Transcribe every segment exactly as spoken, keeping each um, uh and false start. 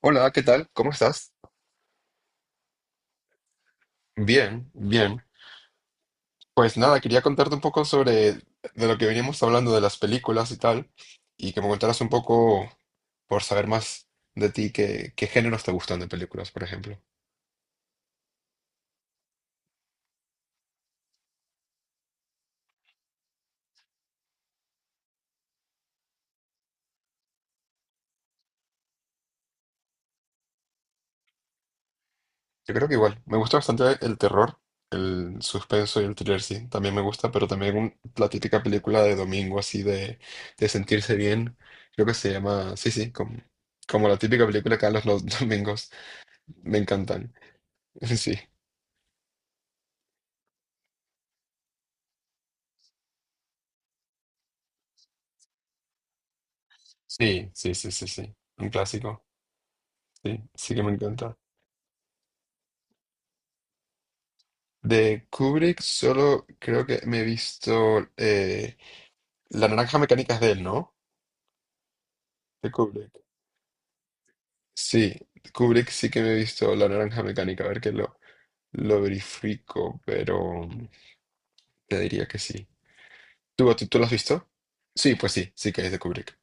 Hola, ¿qué tal? ¿Cómo estás? Bien, bien. Pues nada, quería contarte un poco sobre de lo que veníamos hablando de las películas y tal, y que me contaras un poco por saber más de ti qué, qué géneros te gustan de películas, por ejemplo. Yo creo que igual, me gusta bastante el terror, el suspenso y el thriller, sí, también me gusta, pero también un- la típica película de domingo así de, de, sentirse bien, creo que se llama, sí, sí, como, como la típica película que dan los, los domingos, me encantan, sí. Sí, sí, sí, sí, sí. Un clásico. Sí, sí que me encanta. De Kubrick solo creo que me he visto eh, La naranja mecánica es de él, ¿no? De Kubrick. Sí, Kubrick sí que me he visto La naranja mecánica. A ver que lo, lo verifico, pero mm, te diría que sí. ¿Tú, tú, tú lo has visto? Sí, pues sí, sí que es de Kubrick.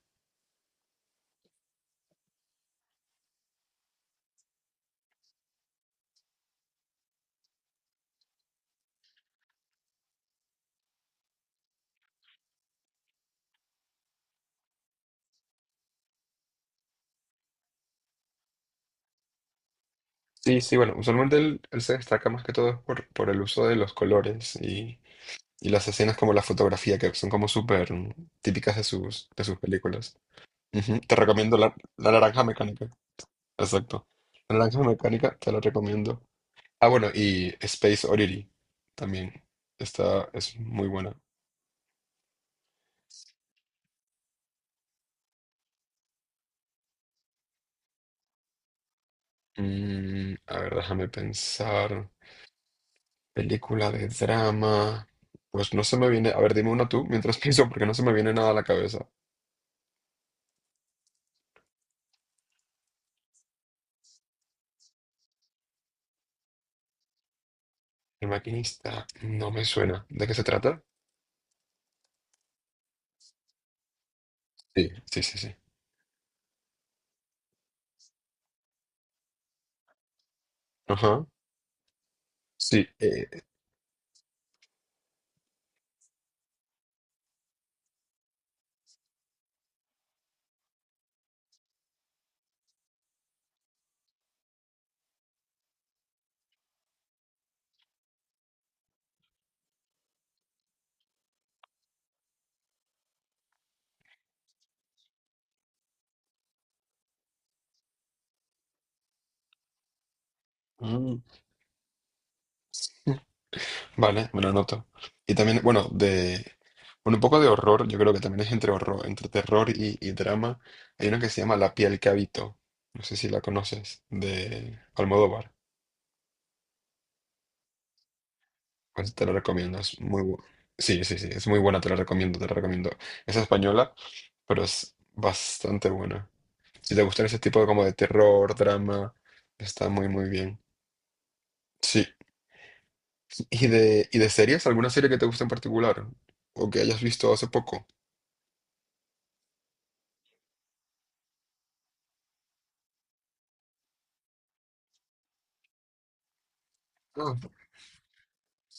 Sí, sí, bueno, usualmente él, él se destaca más que todo por, por el uso de los colores y, Y las escenas como la fotografía, que son como súper típicas de sus, de sus películas. Ujú, te recomiendo la, la Naranja Mecánica. Exacto. La Naranja Mecánica te la recomiendo. Ah, bueno, y Space Oddity también. Esta es muy buena. Mm, a ver, déjame pensar. Película de drama. Pues no se me viene. A ver, dime una tú mientras pienso, porque no se me viene nada a la cabeza. El maquinista no me suena. ¿De qué se trata? Sí, sí, sí, sí. Ajá. Sí. eh, mm, Vale, me lo anoto. Y también, bueno, de, bueno, un poco de horror, yo creo que también es entre horror, entre terror y, y drama. Hay una que se llama La piel que habito. No sé si la conoces, de Almodóvar. Pues te la recomiendo, es muy bu- sí, sí, sí, es muy buena, te la recomiendo, te la recomiendo. Es española, pero es bastante buena. Si te gustan ese tipo de como de terror, drama, está muy, muy bien. Sí. ¿Y de, y de series? ¿Alguna serie que te guste en particular? ¿O que hayas visto hace poco?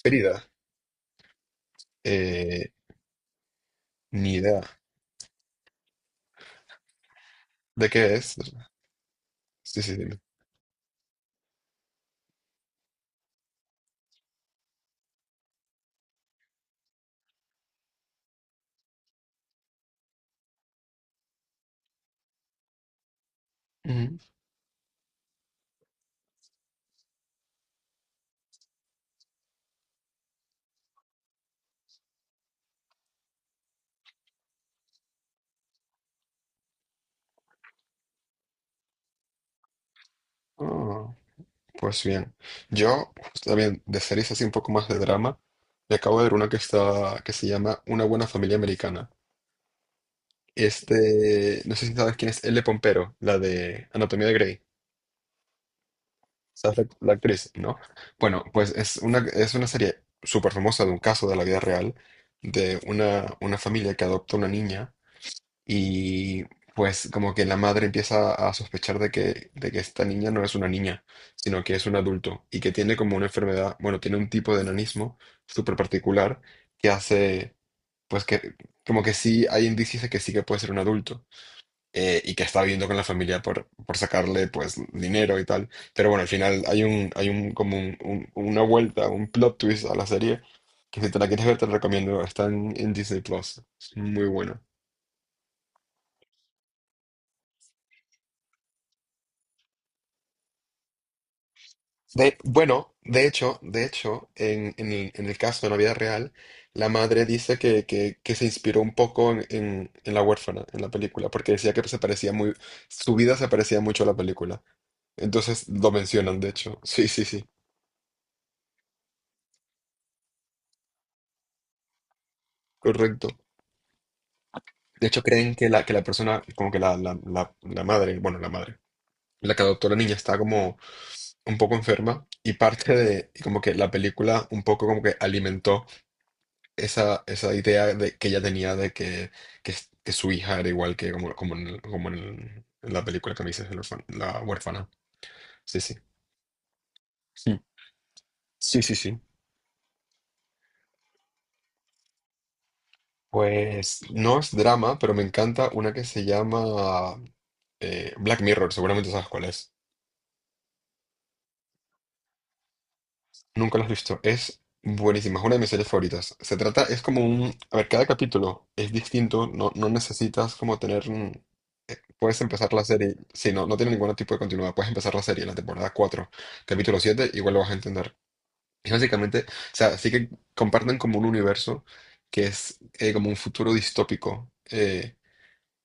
Ferida. Eh, ni idea de qué es. Sí, sí, dime. Ujú. Ah, pues bien. Yo, pues, también, de series así un poco más de drama, me acabo de ver una que está, que se llama Una buena familia americana. Este, no sé si sabes quién es Elle Pompero, la de Anatomía de Grey. ¿Sabes la, la actriz? ¿No? Bueno, pues es una, es una, serie súper famosa de un caso de la vida real, de una, una familia que adopta una niña. Y pues como que la madre empieza a sospechar de que, de que esta niña no es una niña, sino que es un adulto y que tiene como una enfermedad, bueno, tiene un tipo de enanismo súper particular que hace, pues que como que sí hay indicios de que sí que puede ser un adulto eh, y que está viviendo con la familia por, por sacarle pues dinero y tal. Pero bueno, al final hay un, hay un como un- un- una vuelta, un plot twist a la serie que si te la quieres ver te la recomiendo, está en, en Disney Plus, es muy buena. De, bueno, de hecho, de hecho, en, en el, en el caso de la vida real, la madre dice que, que, que se inspiró un poco en, en, en La huérfana, en la película, porque decía que se parecía muy, su vida se parecía mucho a la película. Entonces lo mencionan, de hecho. Sí, sí, sí, correcto. De hecho, creen que la, que la, persona, como que la, la, la, la madre, bueno, la madre, la que adoptó a la niña está como un poco enferma y parte de, y como que la película un poco como que alimentó esa, esa idea de, que ella tenía de que, que, s- que su hija era igual que como, como, en, el- como en, el- en la película que me dices, el orfan- la huérfana. Sí, sí. Mm. Sí, sí, sí. Pues no es drama, pero me encanta una que se llama eh, Black Mirror, seguramente sabes cuál es. Nunca lo has visto. Es buenísima, es una de mis series favoritas. Se trata, es como un. A ver, cada capítulo es distinto, no, no necesitas como tener. mm, eh, Puedes empezar la serie, si no, no tiene ningún tipo de continuidad, puedes empezar la serie, en la temporada cuatro capítulo siete igual lo vas a entender. Y básicamente, o sea, sí que comparten como un universo que es eh, como un futuro distópico. eh,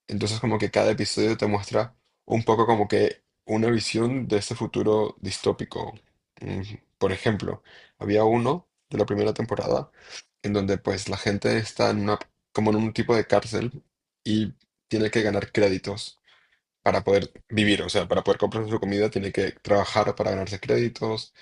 Entonces como que cada episodio te muestra un poco como que una visión de ese futuro distópico. Mm, Por ejemplo, había uno de la primera temporada en donde pues la gente está en una, como en un tipo de cárcel y tiene que ganar créditos para poder vivir, o sea, para poder comprar su comida tiene que trabajar para ganarse créditos,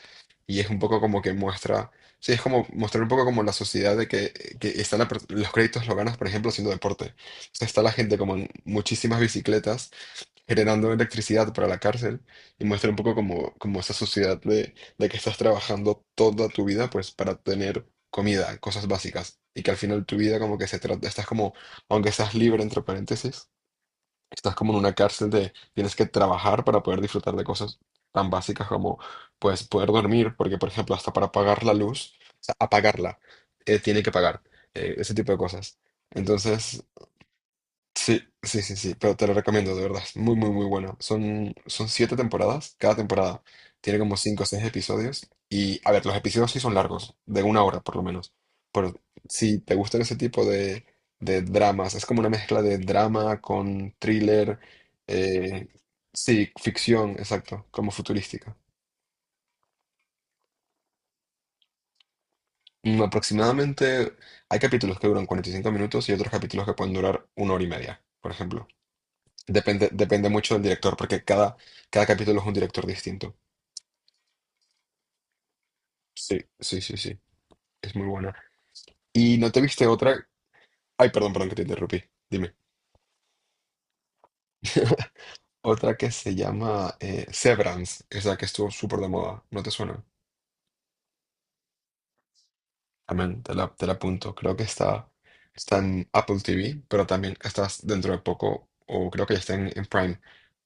y es un poco como que muestra, sí, es como mostrar un poco como la sociedad de que, que están la per- los créditos lo ganas, por ejemplo, haciendo deporte. Entonces está la gente como en muchísimas bicicletas generando electricidad para la cárcel y muestra un poco como, como esa sociedad de, de que estás trabajando toda tu vida pues para tener comida, cosas básicas. Y que al final tu vida como que se trata, estás como, aunque seas libre entre paréntesis, estás como en una cárcel de tienes que trabajar para poder disfrutar de cosas tan básicas como pues poder dormir, porque por ejemplo hasta para apagar la luz, o sea, apagarla, eh, tiene que pagar, eh, ese tipo de cosas. Entonces, Sí, sí, sí, sí, pero te lo recomiendo, de verdad. Es muy, muy, muy bueno. Son, son siete temporadas. Cada temporada tiene como cinco o seis episodios. Y, a ver, los episodios sí son largos, de una hora por lo menos. Pero si te gustan ese tipo de, de dramas, es como una mezcla de drama con thriller, eh, sí, ficción, exacto, como futurística. Mm, Aproximadamente hay capítulos que duran cuarenta y cinco minutos y otros capítulos que pueden durar una hora y media, por ejemplo. Depende, depende mucho del director, porque cada, cada capítulo es un director distinto. Sí, sí, sí, sí. Es muy buena. ¿Y no te viste otra? Ay, perdón, perdón que te interrumpí. Dime. Otra que se llama eh, Severance, esa que estuvo súper de moda. ¿No te suena? Amén, te la, te la apunto. Creo que está, está en Apple T V, pero también estás dentro de poco, o creo que ya está en, en Prime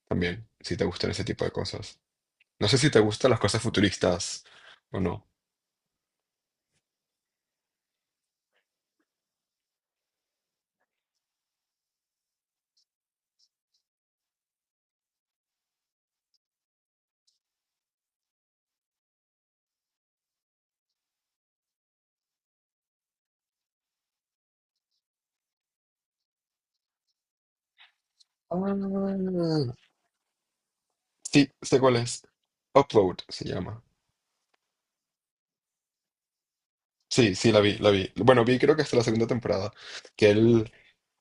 también, si te gustan ese tipo de cosas. No sé si te gustan las cosas futuristas o no. Ah, sí, sé cuál es. Upload se llama. Sí, sí, la vi, la vi. Bueno, vi creo que hasta la segunda temporada, que él,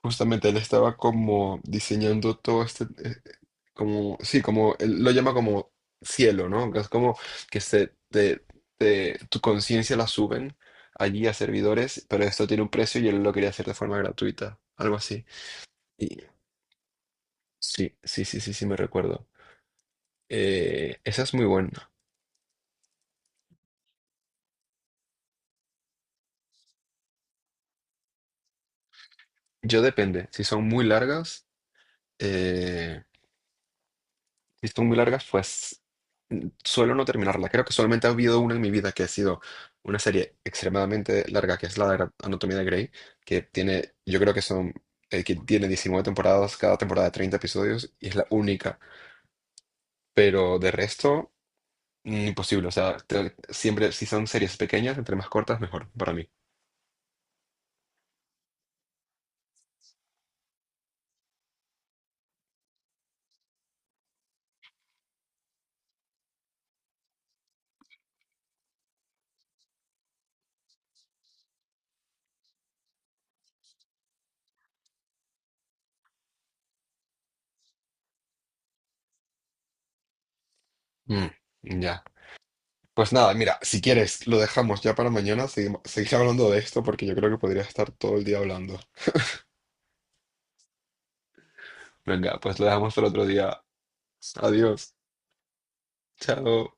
justamente, él estaba como diseñando todo este, eh, como, sí, como, él lo llama como cielo, ¿no? Que es como que se, te, te- tu conciencia la suben allí a servidores, pero esto tiene un precio y él lo quería hacer de forma gratuita, algo así. Y sí, sí, sí, sí, sí, me recuerdo. Eh, esa es muy buena. Yo depende, si son muy largas, eh... si son muy largas, pues mm, suelo no terminarla. Creo que solamente ha habido una en mi vida que ha sido una serie extremadamente larga, que es la de Gra- Anatomía de Grey, que tiene, yo creo que son, eh, que tiene diecinueve temporadas, cada temporada de treinta episodios, y es la única. Pero de resto, mm, imposible. O sea, te- siempre, si son series pequeñas, entre más cortas, mejor para mí. Mm, ya. Pues nada, mira, si quieres, lo dejamos ya para mañana. Seguimos, seguir hablando de esto porque yo creo que podría estar todo el día hablando. Venga, pues lo dejamos para otro día. Adiós. Chao.